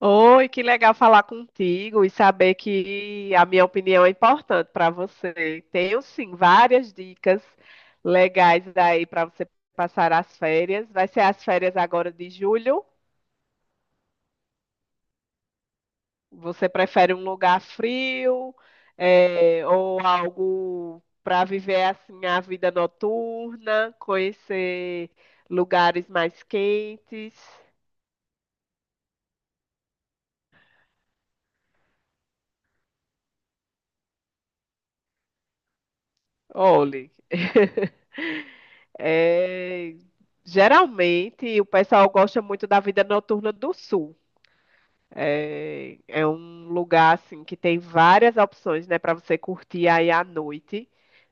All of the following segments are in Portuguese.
Oi, que legal falar contigo e saber que a minha opinião é importante para você. Tenho sim várias dicas legais aí para você passar as férias. Vai ser as férias agora de julho. Você prefere um lugar frio, ou algo para viver assim a vida noturna, conhecer lugares mais quentes? Olhe. É, geralmente o pessoal gosta muito da vida noturna do sul. É um lugar assim que tem várias opções, né, para você curtir aí à noite,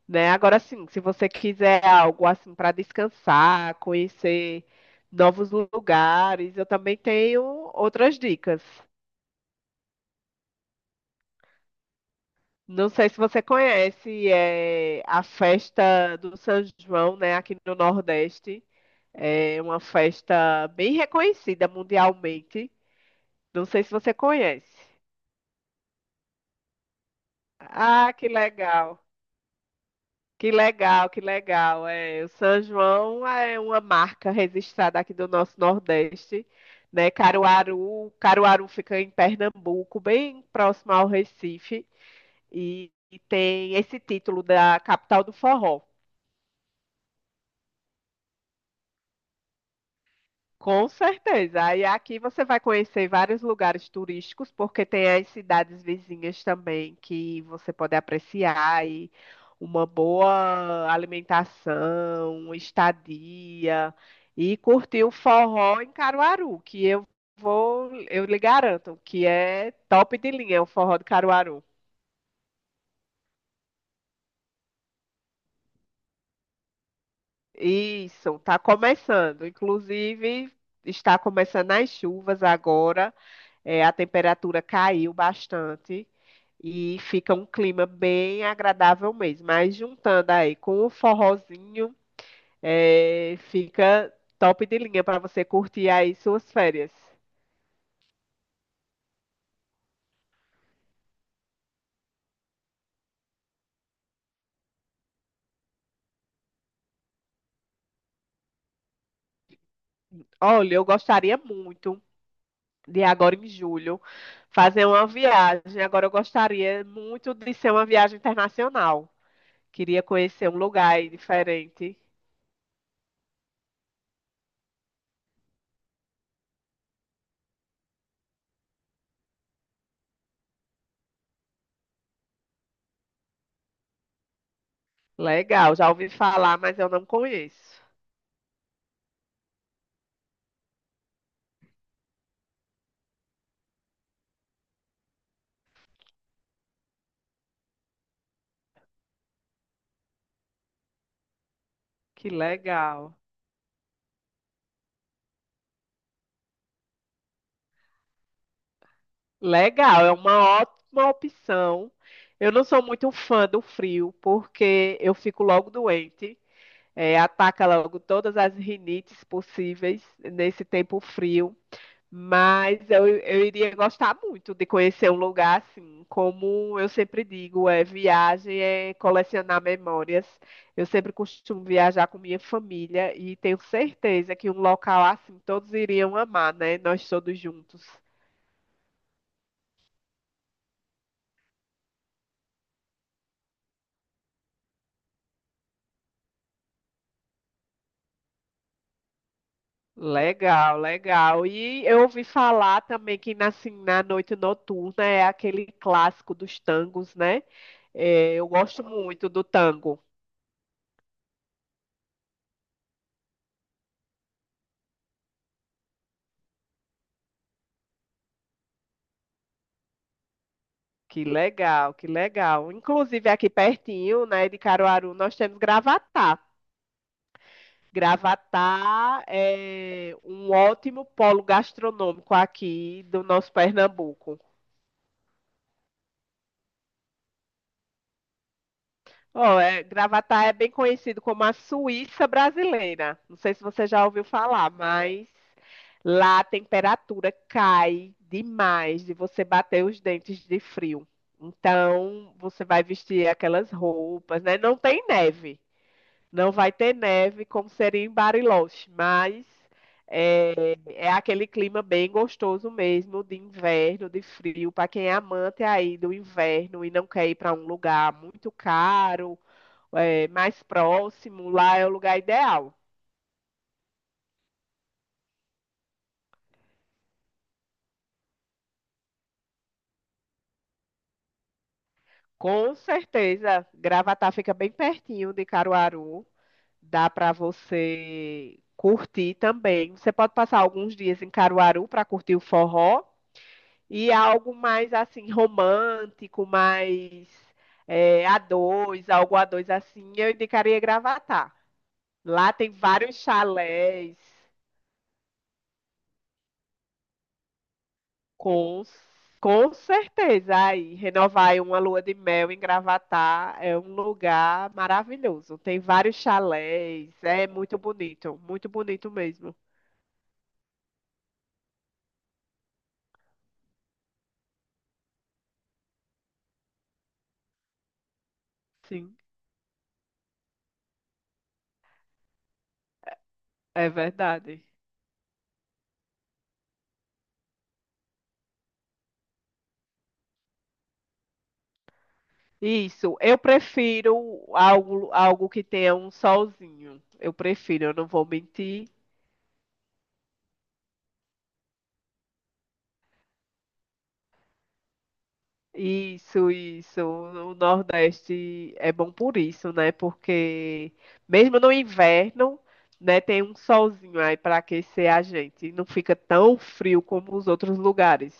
né? Agora sim, se você quiser algo assim para descansar, conhecer novos lugares, eu também tenho outras dicas. Não sei se você conhece, é a festa do São João, né, aqui no Nordeste. É uma festa bem reconhecida mundialmente. Não sei se você conhece. Ah, que legal. Que legal, que legal. É, o São João é uma marca registrada aqui do nosso Nordeste, né? Caruaru fica em Pernambuco, bem próximo ao Recife, e tem esse título da capital do forró. Com certeza. Aí aqui você vai conhecer vários lugares turísticos, porque tem as cidades vizinhas também que você pode apreciar e uma boa alimentação, estadia e curtir o forró em Caruaru, que eu lhe garanto que é top de linha o forró de Caruaru. Isso, está começando. Inclusive, está começando as chuvas agora. É, a temperatura caiu bastante e fica um clima bem agradável mesmo. Mas juntando aí com o forrozinho, fica top de linha para você curtir aí suas férias. Olha, eu gostaria muito de agora em julho fazer uma viagem. Agora eu gostaria muito de ser uma viagem internacional. Queria conhecer um lugar aí diferente. Legal, já ouvi falar, mas eu não conheço. Que legal. Legal, é uma ótima opção. Eu não sou muito fã do frio, porque eu fico logo doente, ataca logo todas as rinites possíveis nesse tempo frio. Mas eu iria gostar muito de conhecer um lugar assim. Como eu sempre digo, é viagem é colecionar memórias. Eu sempre costumo viajar com minha família e tenho certeza que um local assim todos iriam amar, né? Nós todos juntos. Legal, legal. E eu ouvi falar também que na, assim, na noite noturna é aquele clássico dos tangos, né? É, eu gosto muito do tango. Que legal, que legal. Inclusive aqui pertinho, né, de Caruaru, nós temos Gravatá. Gravatá é um ótimo polo gastronômico aqui do nosso Pernambuco. Ó, é, Gravatá é bem conhecido como a Suíça brasileira. Não sei se você já ouviu falar, mas lá a temperatura cai demais de você bater os dentes de frio. Então, você vai vestir aquelas roupas, né? Não tem neve. Não vai ter neve como seria em Bariloche, mas é aquele clima bem gostoso mesmo de inverno, de frio, para quem é amante aí do inverno e não quer ir para um lugar muito caro mais próximo, lá é o lugar ideal. Com certeza, Gravatá fica bem pertinho de Caruaru, dá para você curtir também. Você pode passar alguns dias em Caruaru para curtir o forró e algo mais assim romântico, a dois algo a dois, assim, eu indicaria Gravatá. Lá tem vários chalés. Com, com certeza. Aí, renovar uma lua de mel em Gravatá é um lugar maravilhoso. Tem vários chalés, é muito bonito mesmo. Sim, é verdade. Isso, eu prefiro algo, algo que tenha um solzinho. Eu prefiro, eu não vou mentir. Isso, isso. O Nordeste é bom por isso, né? Porque mesmo no inverno, né, tem um solzinho aí para aquecer a gente. E não fica tão frio como os outros lugares.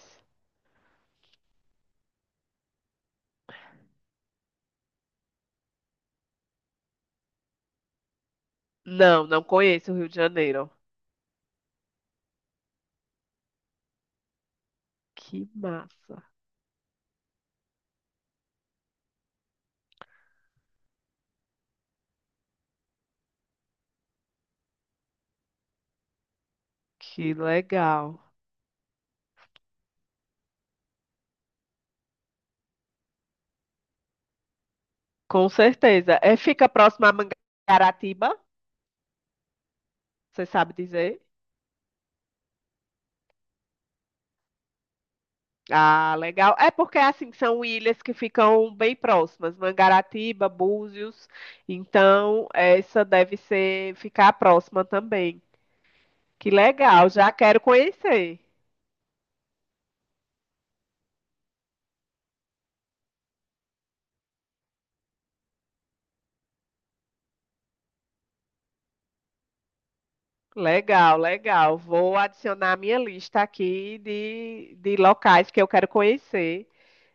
Não, não conheço o Rio de Janeiro. Que massa. Que legal. Com certeza. É, fica próximo a Mangaratiba, você sabe dizer? Ah, legal. É porque assim são ilhas que ficam bem próximas, Mangaratiba, Búzios. Então, essa deve ser ficar próxima também. Que legal, já quero conhecer. Legal, legal. Vou adicionar a minha lista aqui de locais que eu quero conhecer.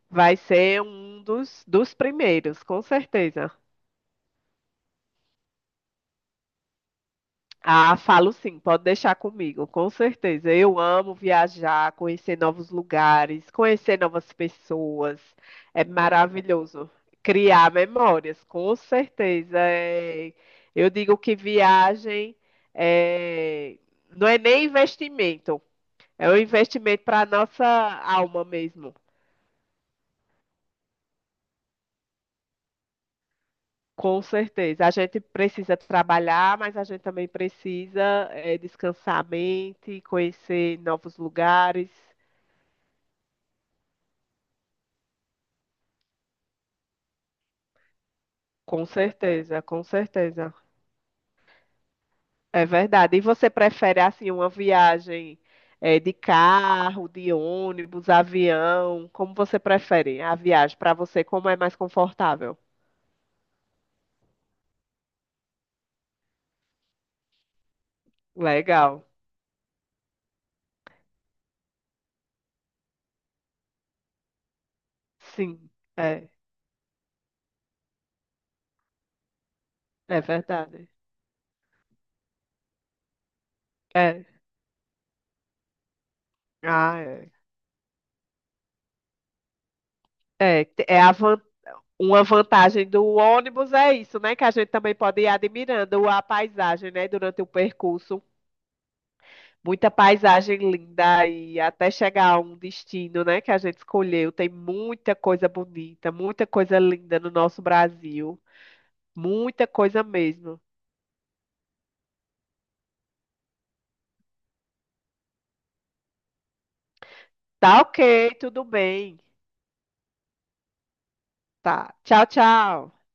Vai ser um dos primeiros, com certeza. Ah, falo sim, pode deixar comigo, com certeza. Eu amo viajar, conhecer novos lugares, conhecer novas pessoas. É maravilhoso. Criar memórias, com certeza. É, eu digo que é, não é nem investimento, é um investimento para a nossa alma mesmo. Com certeza. A gente precisa trabalhar, mas a gente também descansar a mente, conhecer novos lugares. Com certeza, com certeza. É verdade. E você prefere assim uma viagem de carro, de ônibus, avião? Como você prefere a viagem para você? Como é mais confortável? Legal. Sim, é, é verdade. É. Ah, é. É, te- é a van- uma vantagem do ônibus é isso, né? Que a gente também pode ir admirando a paisagem, né? Durante o percurso. Muita paisagem linda e até chegar a um destino, né, que a gente escolheu. Tem muita coisa bonita, muita coisa linda no nosso Brasil. Muita coisa mesmo. Tá, ok, tudo bem. Tá. Tchau, tchau.